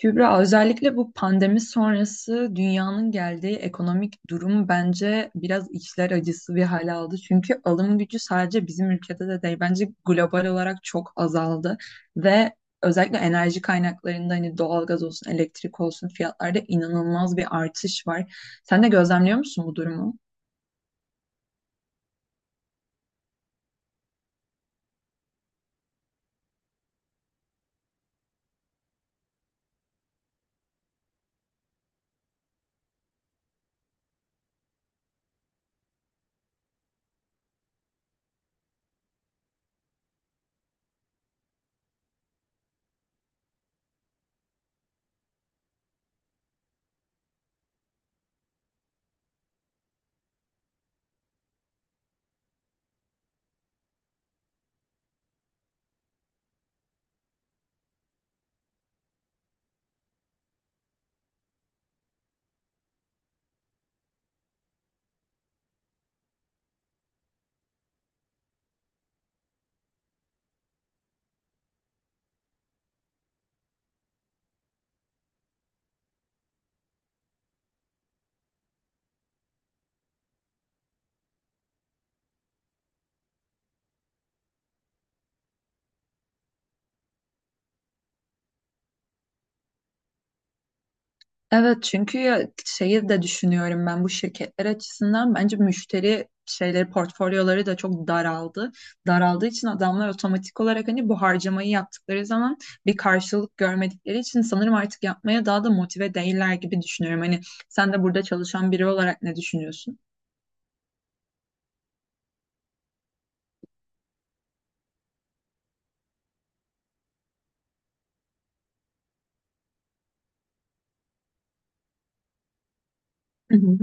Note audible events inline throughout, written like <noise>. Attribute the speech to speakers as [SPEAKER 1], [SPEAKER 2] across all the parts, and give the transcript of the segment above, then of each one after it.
[SPEAKER 1] Kübra, özellikle bu pandemi sonrası dünyanın geldiği ekonomik durum bence biraz içler acısı bir hale aldı. Çünkü alım gücü sadece bizim ülkede de değil, bence global olarak çok azaldı. Ve özellikle enerji kaynaklarında hani doğalgaz olsun, elektrik olsun fiyatlarda inanılmaz bir artış var. Sen de gözlemliyor musun bu durumu? Evet, çünkü ya şeyi de düşünüyorum, ben bu şirketler açısından bence müşteri şeyleri, portfolyoları da çok daraldı. Daraldığı için adamlar otomatik olarak hani bu harcamayı yaptıkları zaman bir karşılık görmedikleri için sanırım artık yapmaya daha da motive değiller gibi düşünüyorum. Hani sen de burada çalışan biri olarak ne düşünüyorsun? Hı hı.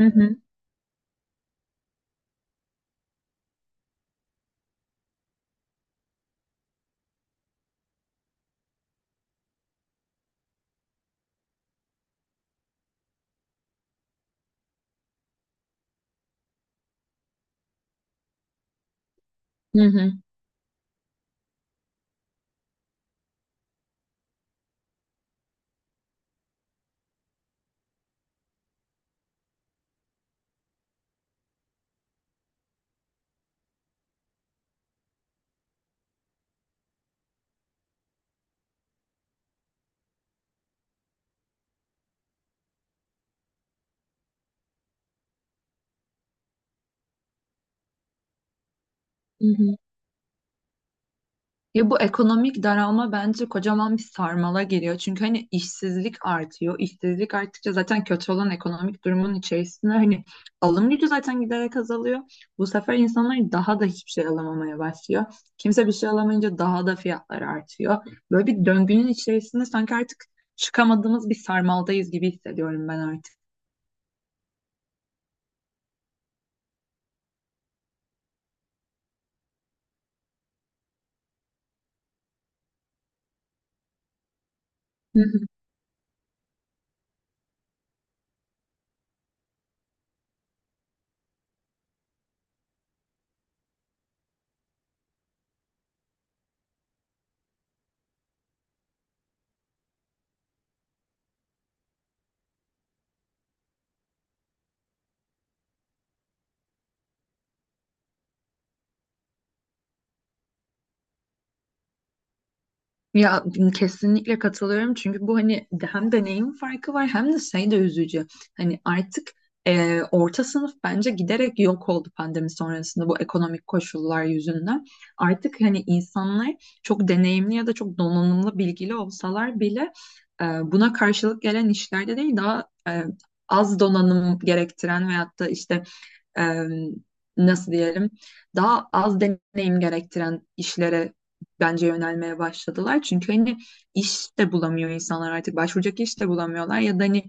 [SPEAKER 1] Hı hı, hı hı, hı hı. Ya, bu ekonomik daralma bence kocaman bir sarmala giriyor. Çünkü hani işsizlik artıyor. İşsizlik arttıkça zaten kötü olan ekonomik durumun içerisinde hani alım gücü zaten giderek azalıyor. Bu sefer insanlar daha da hiçbir şey alamamaya başlıyor. Kimse bir şey alamayınca daha da fiyatlar artıyor. Böyle bir döngünün içerisinde sanki artık çıkamadığımız bir sarmaldayız gibi hissediyorum ben artık. Ya, kesinlikle katılıyorum çünkü bu hani hem deneyim farkı var, hem de şey de üzücü. Hani artık orta sınıf bence giderek yok oldu pandemi sonrasında bu ekonomik koşullar yüzünden. Artık hani insanlar çok deneyimli ya da çok donanımlı, bilgili olsalar bile e, buna karşılık gelen işlerde değil, daha az donanım gerektiren, veyahut da işte e, nasıl diyelim, daha az deneyim gerektiren işlere bence yönelmeye başladılar. Çünkü hani iş de bulamıyor insanlar, artık başvuracak iş de bulamıyorlar ya da hani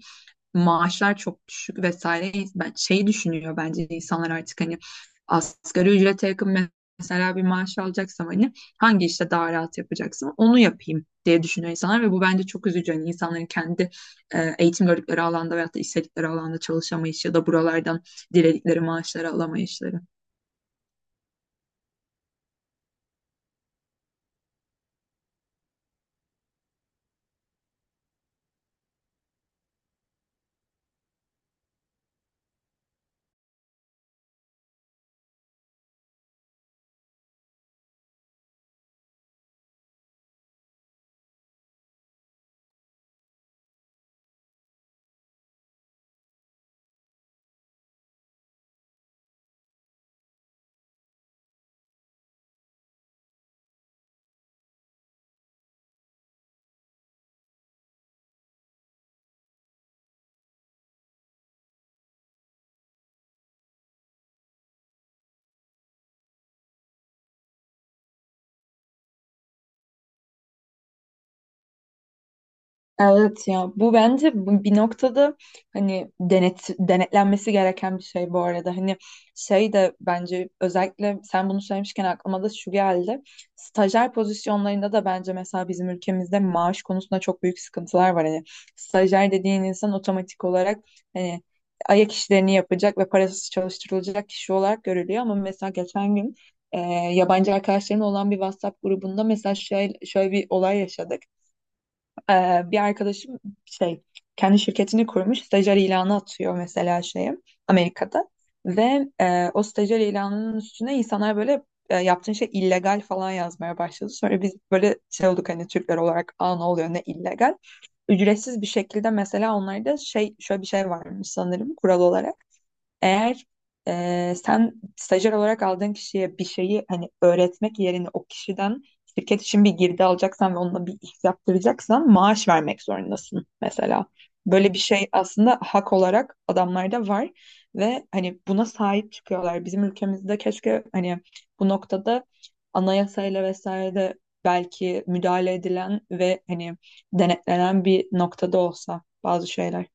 [SPEAKER 1] maaşlar çok düşük vesaire. Ben şeyi düşünüyor, bence insanlar artık hani asgari ücrete yakın mesela bir maaş alacaksam hani hangi işte daha rahat yapacaksam onu yapayım diye düşünüyor insanlar ve bu bence çok üzücü. Hani insanların kendi eğitim gördükleri alanda veyahut da istedikleri alanda çalışamayışı ya da buralardan diledikleri maaşları alamayışları. Evet ya, bu bence bu bir noktada hani denetlenmesi gereken bir şey bu arada. Hani şey de, bence özellikle sen bunu söylemişken, aklıma da şu geldi. Stajyer pozisyonlarında da bence mesela bizim ülkemizde maaş konusunda çok büyük sıkıntılar var. Hani stajyer dediğin insan otomatik olarak hani ayak işlerini yapacak ve parasız çalıştırılacak kişi olarak görülüyor. Ama mesela geçen gün e, yabancı arkadaşların olan bir WhatsApp grubunda mesela şöyle bir olay yaşadık. Bir arkadaşım şey kendi şirketini kurmuş, stajyer ilanı atıyor mesela şeye, Amerika'da, ve o stajyer ilanının üstüne insanlar böyle yaptığın şey illegal falan yazmaya başladı. Sonra biz böyle şey olduk, hani Türkler olarak, aa, ne oluyor, ne illegal. Ücretsiz bir şekilde, mesela onlarda şey şöyle bir şey varmış sanırım kural olarak. Eğer sen stajyer olarak aldığın kişiye bir şeyi hani öğretmek yerine o kişiden şirket için bir girdi alacaksan ve onunla bir iş yaptıracaksan, maaş vermek zorundasın mesela. Böyle bir şey aslında hak olarak adamlarda var ve hani buna sahip çıkıyorlar. Bizim ülkemizde keşke hani bu noktada anayasayla vesaire belki müdahale edilen ve hani denetlenen bir noktada olsa bazı şeyler.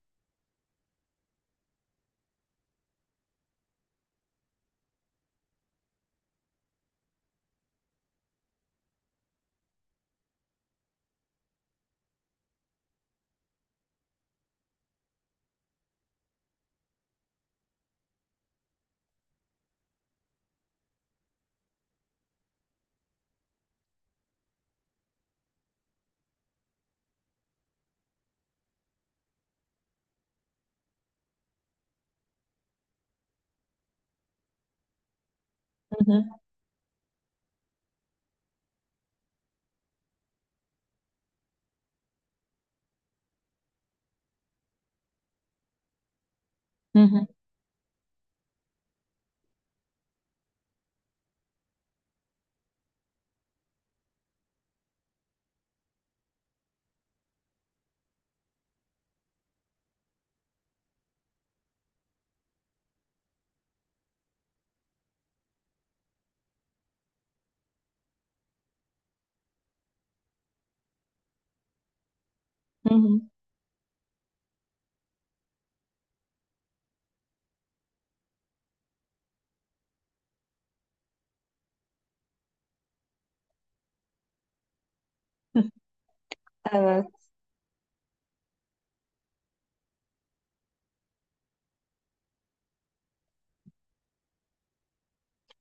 [SPEAKER 1] Hı, hı hı, hı hı. Hı. Evet.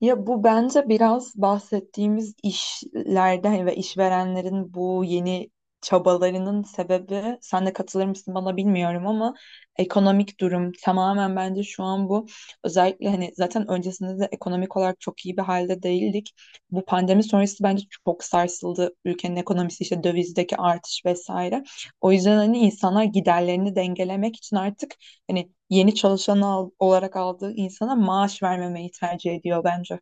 [SPEAKER 1] Ya, bu bence biraz bahsettiğimiz işlerden ve işverenlerin bu yeni çabalarının sebebi, sen de katılır mısın bana bilmiyorum ama, ekonomik durum tamamen bence şu an bu. Özellikle hani zaten öncesinde de ekonomik olarak çok iyi bir halde değildik. Bu pandemi sonrası bence çok sarsıldı ülkenin ekonomisi, işte dövizdeki artış vesaire. O yüzden hani insanlar giderlerini dengelemek için artık hani yeni çalışan olarak aldığı insana maaş vermemeyi tercih ediyor bence.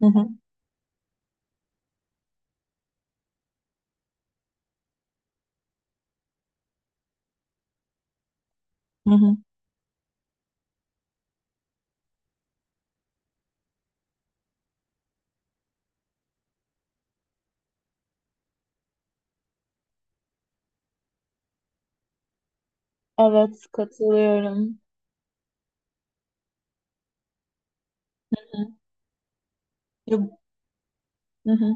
[SPEAKER 1] Hı hı, hı hı. Evet, katılıyorum. Hı. Ya, hı hı.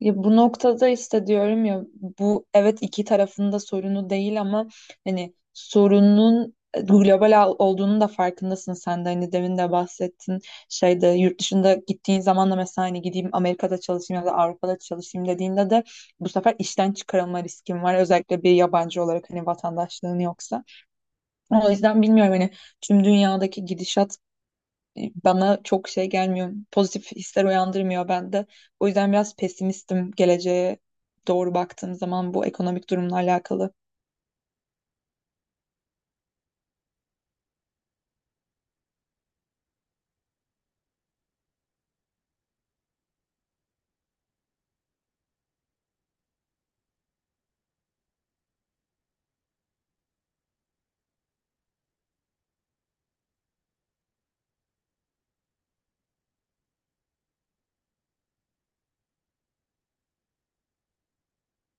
[SPEAKER 1] Ya, bu noktada işte diyorum ya, bu evet iki tarafında sorunu değil ama hani sorunun global olduğunun da farkındasın sen de, hani demin de bahsettin, şeyde, yurt dışında gittiğin zaman da mesela hani gideyim Amerika'da çalışayım ya da Avrupa'da çalışayım dediğinde de bu sefer işten çıkarılma riskin var, özellikle bir yabancı olarak hani vatandaşlığın yoksa. O yüzden bilmiyorum hani tüm dünyadaki gidişat bana çok şey gelmiyor. Pozitif hisler uyandırmıyor bende. O yüzden biraz pesimistim, geleceğe doğru baktığım zaman, bu ekonomik durumla alakalı.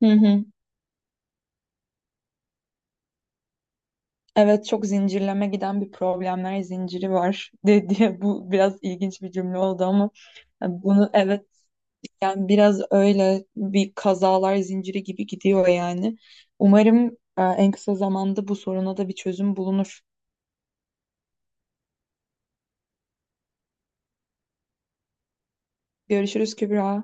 [SPEAKER 1] Hı hı. Evet, çok zincirleme giden bir problemler zinciri var <laughs> diye, bu biraz ilginç bir cümle oldu ama, yani bunu, evet, yani biraz öyle bir kazalar zinciri gibi gidiyor yani. Umarım en kısa zamanda bu soruna da bir çözüm bulunur. Görüşürüz Kübra.